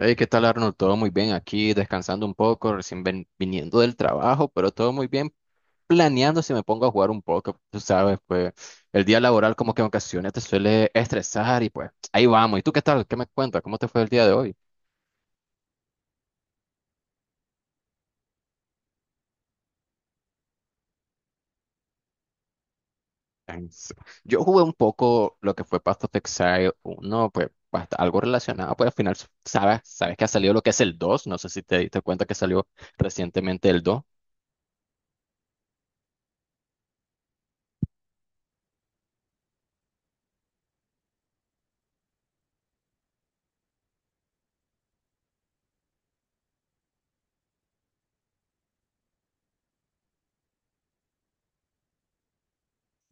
Hey, ¿qué tal, Arnold? Todo muy bien aquí, descansando un poco, recién viniendo del trabajo, pero todo muy bien, planeando si me pongo a jugar un poco, tú sabes, pues el día laboral como que en ocasiones te suele estresar y pues ahí vamos. ¿Y tú qué tal? ¿Qué me cuentas? ¿Cómo te fue el día de hoy? En s- Yo jugué un poco lo que fue Path of Exile 1, pues algo relacionado, pues al final sabes que ha salido lo que es el 2, no sé si te diste cuenta que salió recientemente el 2.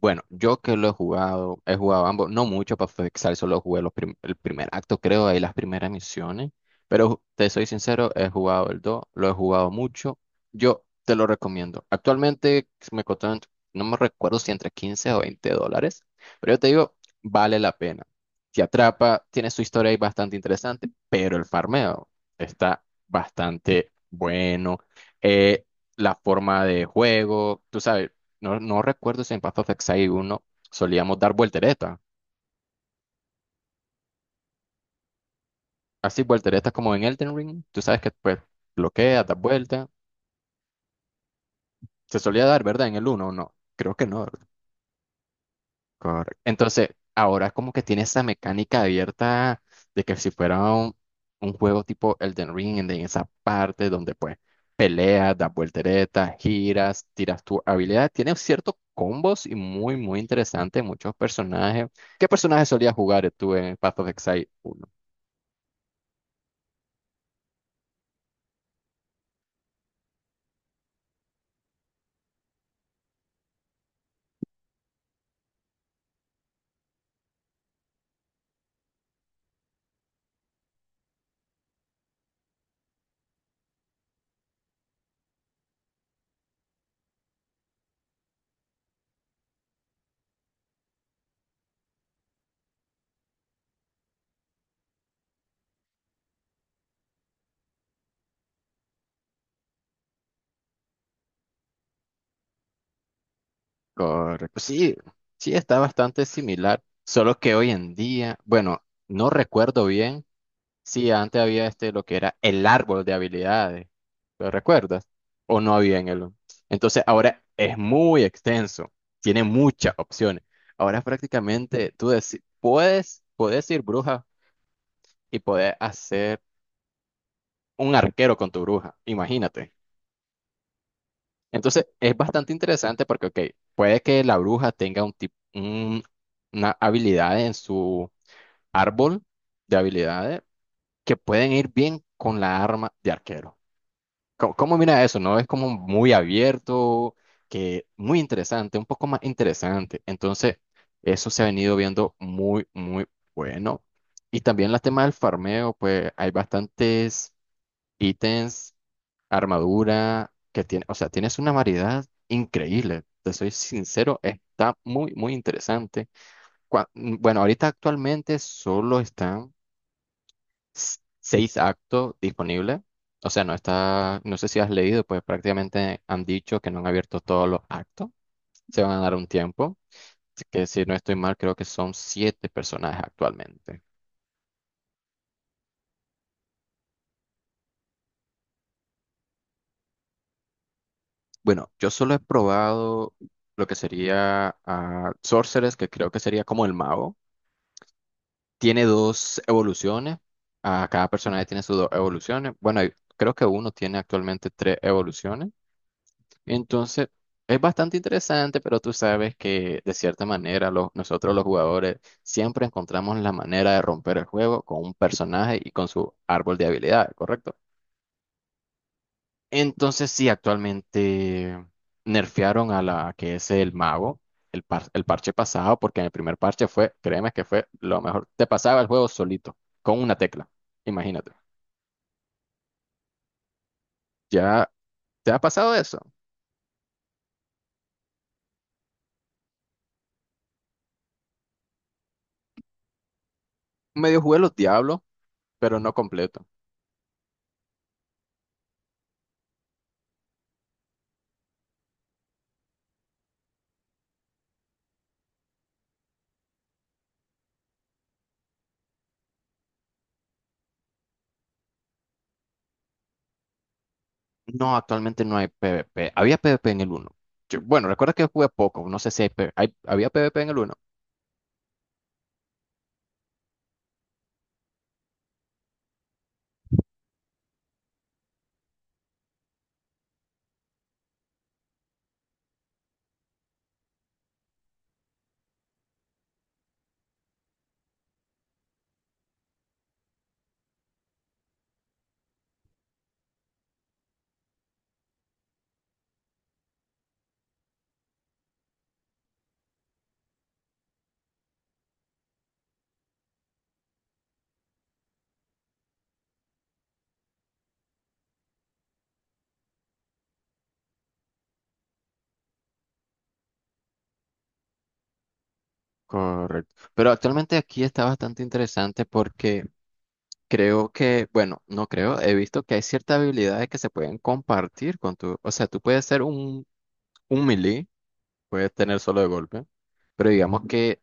Bueno, yo que lo he jugado ambos, no mucho para fixar, solo jugué los el primer acto, creo, ahí las primeras misiones. Pero te soy sincero, he jugado el 2, lo he jugado mucho. Yo te lo recomiendo. Actualmente si me costó, no me recuerdo si entre 15 o $20, pero yo te digo, vale la pena. Te atrapa, tiene su historia ahí bastante interesante, pero el farmeo está bastante bueno. Eh, la forma de juego, tú sabes. No, no recuerdo si en Path of Exile uno solíamos dar volteretas. Así, volteretas como en Elden Ring. Tú sabes que pues bloqueas, das vuelta. Se solía dar, ¿verdad? En el uno o no. Creo que no. Correcto. Entonces, ahora como que tiene esa mecánica abierta de que si fuera un juego tipo Elden Ring, en esa parte donde pues peleas, das volteretas, giras, tiras tu habilidad. Tiene ciertos combos y muy, muy interesante. Muchos personajes. ¿Qué personajes solías jugar tú en Path of Exile uno? Correcto. Sí, sí, está bastante similar, solo que hoy en día, bueno, no recuerdo bien si antes había este lo que era el árbol de habilidades, ¿lo recuerdas? O no había en el. Entonces ahora es muy extenso, tiene muchas opciones. Ahora prácticamente tú puedes ir bruja y poder hacer un arquero con tu bruja, imagínate. Entonces, es bastante interesante porque, ok, puede que la bruja tenga un tipo, una habilidad en su árbol de habilidades que pueden ir bien con la arma de arquero. ¿Cómo, cómo mira eso? ¿No? Es como muy abierto, que muy interesante, un poco más interesante. Entonces, eso se ha venido viendo muy, muy bueno. Y también la tema del farmeo, pues hay bastantes ítems armadura que tiene, o sea, tienes una variedad increíble. Te soy sincero, está muy, muy interesante. Bueno, ahorita actualmente solo están seis actos disponibles. O sea, no está, no sé si has leído, pues prácticamente han dicho que no han abierto todos los actos. Se van a dar un tiempo. Así que si no estoy mal, creo que son siete personajes actualmente. Bueno, yo solo he probado lo que sería a Sorceress, que creo que sería como el mago. Tiene dos evoluciones. A cada personaje tiene sus dos evoluciones. Bueno, creo que uno tiene actualmente tres evoluciones. Entonces, es bastante interesante, pero tú sabes que de cierta manera nosotros los jugadores siempre encontramos la manera de romper el juego con un personaje y con su árbol de habilidades, ¿correcto? Entonces sí, actualmente nerfearon a la que es el mago, el parche pasado, porque en el primer parche fue, créeme que fue lo mejor. Te pasaba el juego solito, con una tecla, imagínate. ¿Ya te ha pasado eso? Medio jugué los Diablos, pero no completo. No, actualmente no hay PvP. Había PvP en el uno. Bueno, recuerda que jugué poco, no sé si había PvP en el uno. Correcto. Pero actualmente aquí está bastante interesante porque creo que, bueno, no creo, he visto que hay ciertas habilidades que se pueden compartir con tu, o sea, tú puedes ser un, melee, puedes tener solo de golpe, pero digamos que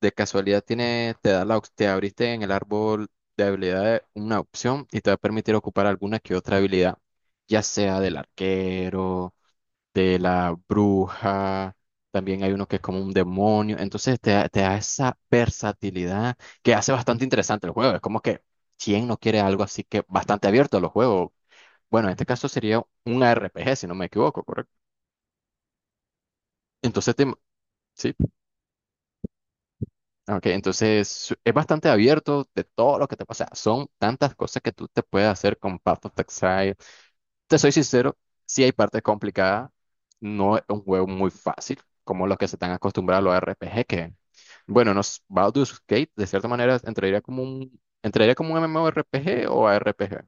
de casualidad tiene, te da te abriste en el árbol de habilidades una opción y te va a permitir ocupar alguna que otra habilidad, ya sea del arquero de la bruja, también hay uno que es como un demonio, entonces te da esa versatilidad que hace bastante interesante el juego, es como que quién no quiere algo así que bastante abierto a los juegos, bueno, en este caso sería un RPG si no me equivoco, ¿correcto? Entonces, sí, ok, entonces es bastante abierto de todo lo que te pasa, son tantas cosas que tú te puedes hacer con Path of Exile. Te soy sincero, sí hay partes complicadas, no es un juego muy fácil, como los que se están acostumbrados a los RPG, que, bueno, nos, Baldur's Gate, de cierta manera, entraría como un MMORPG o ARPG.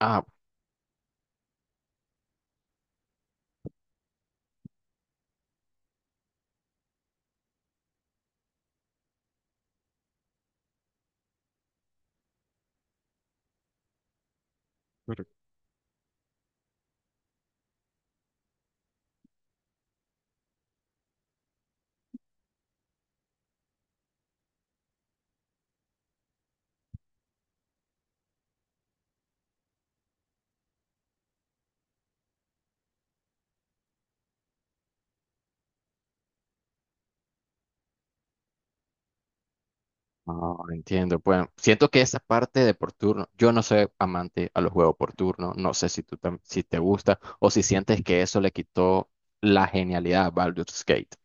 Ah, Pero- no, entiendo. Bueno, siento que esa parte de por turno, yo no soy amante a los juegos por turno, no sé si tú si te gusta o si sientes que eso le quitó la genialidad a Baldur's Gate.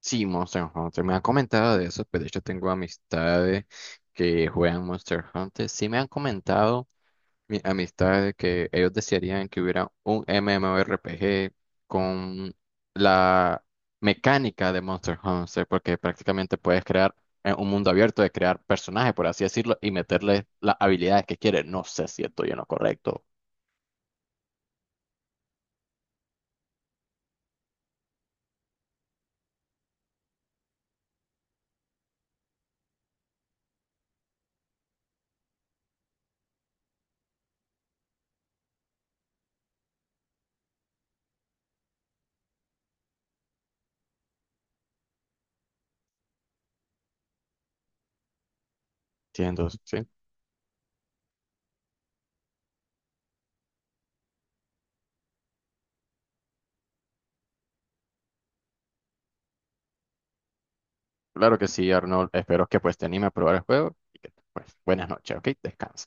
Sí, Monster Hunter. Me han comentado de eso, pero de hecho tengo amistades que juegan Monster Hunter. Sí me han comentado mi amistades que ellos desearían que hubiera un MMORPG con la mecánica de Monster Hunter, porque prácticamente puedes crear un mundo abierto de crear personajes, por así decirlo, y meterles las habilidades que quieres. No sé si estoy en lo correcto. Entiendo, sí. Claro que sí, Arnold. Espero que pues te anime a probar el juego y que pues buenas noches, ¿ok? Descansa.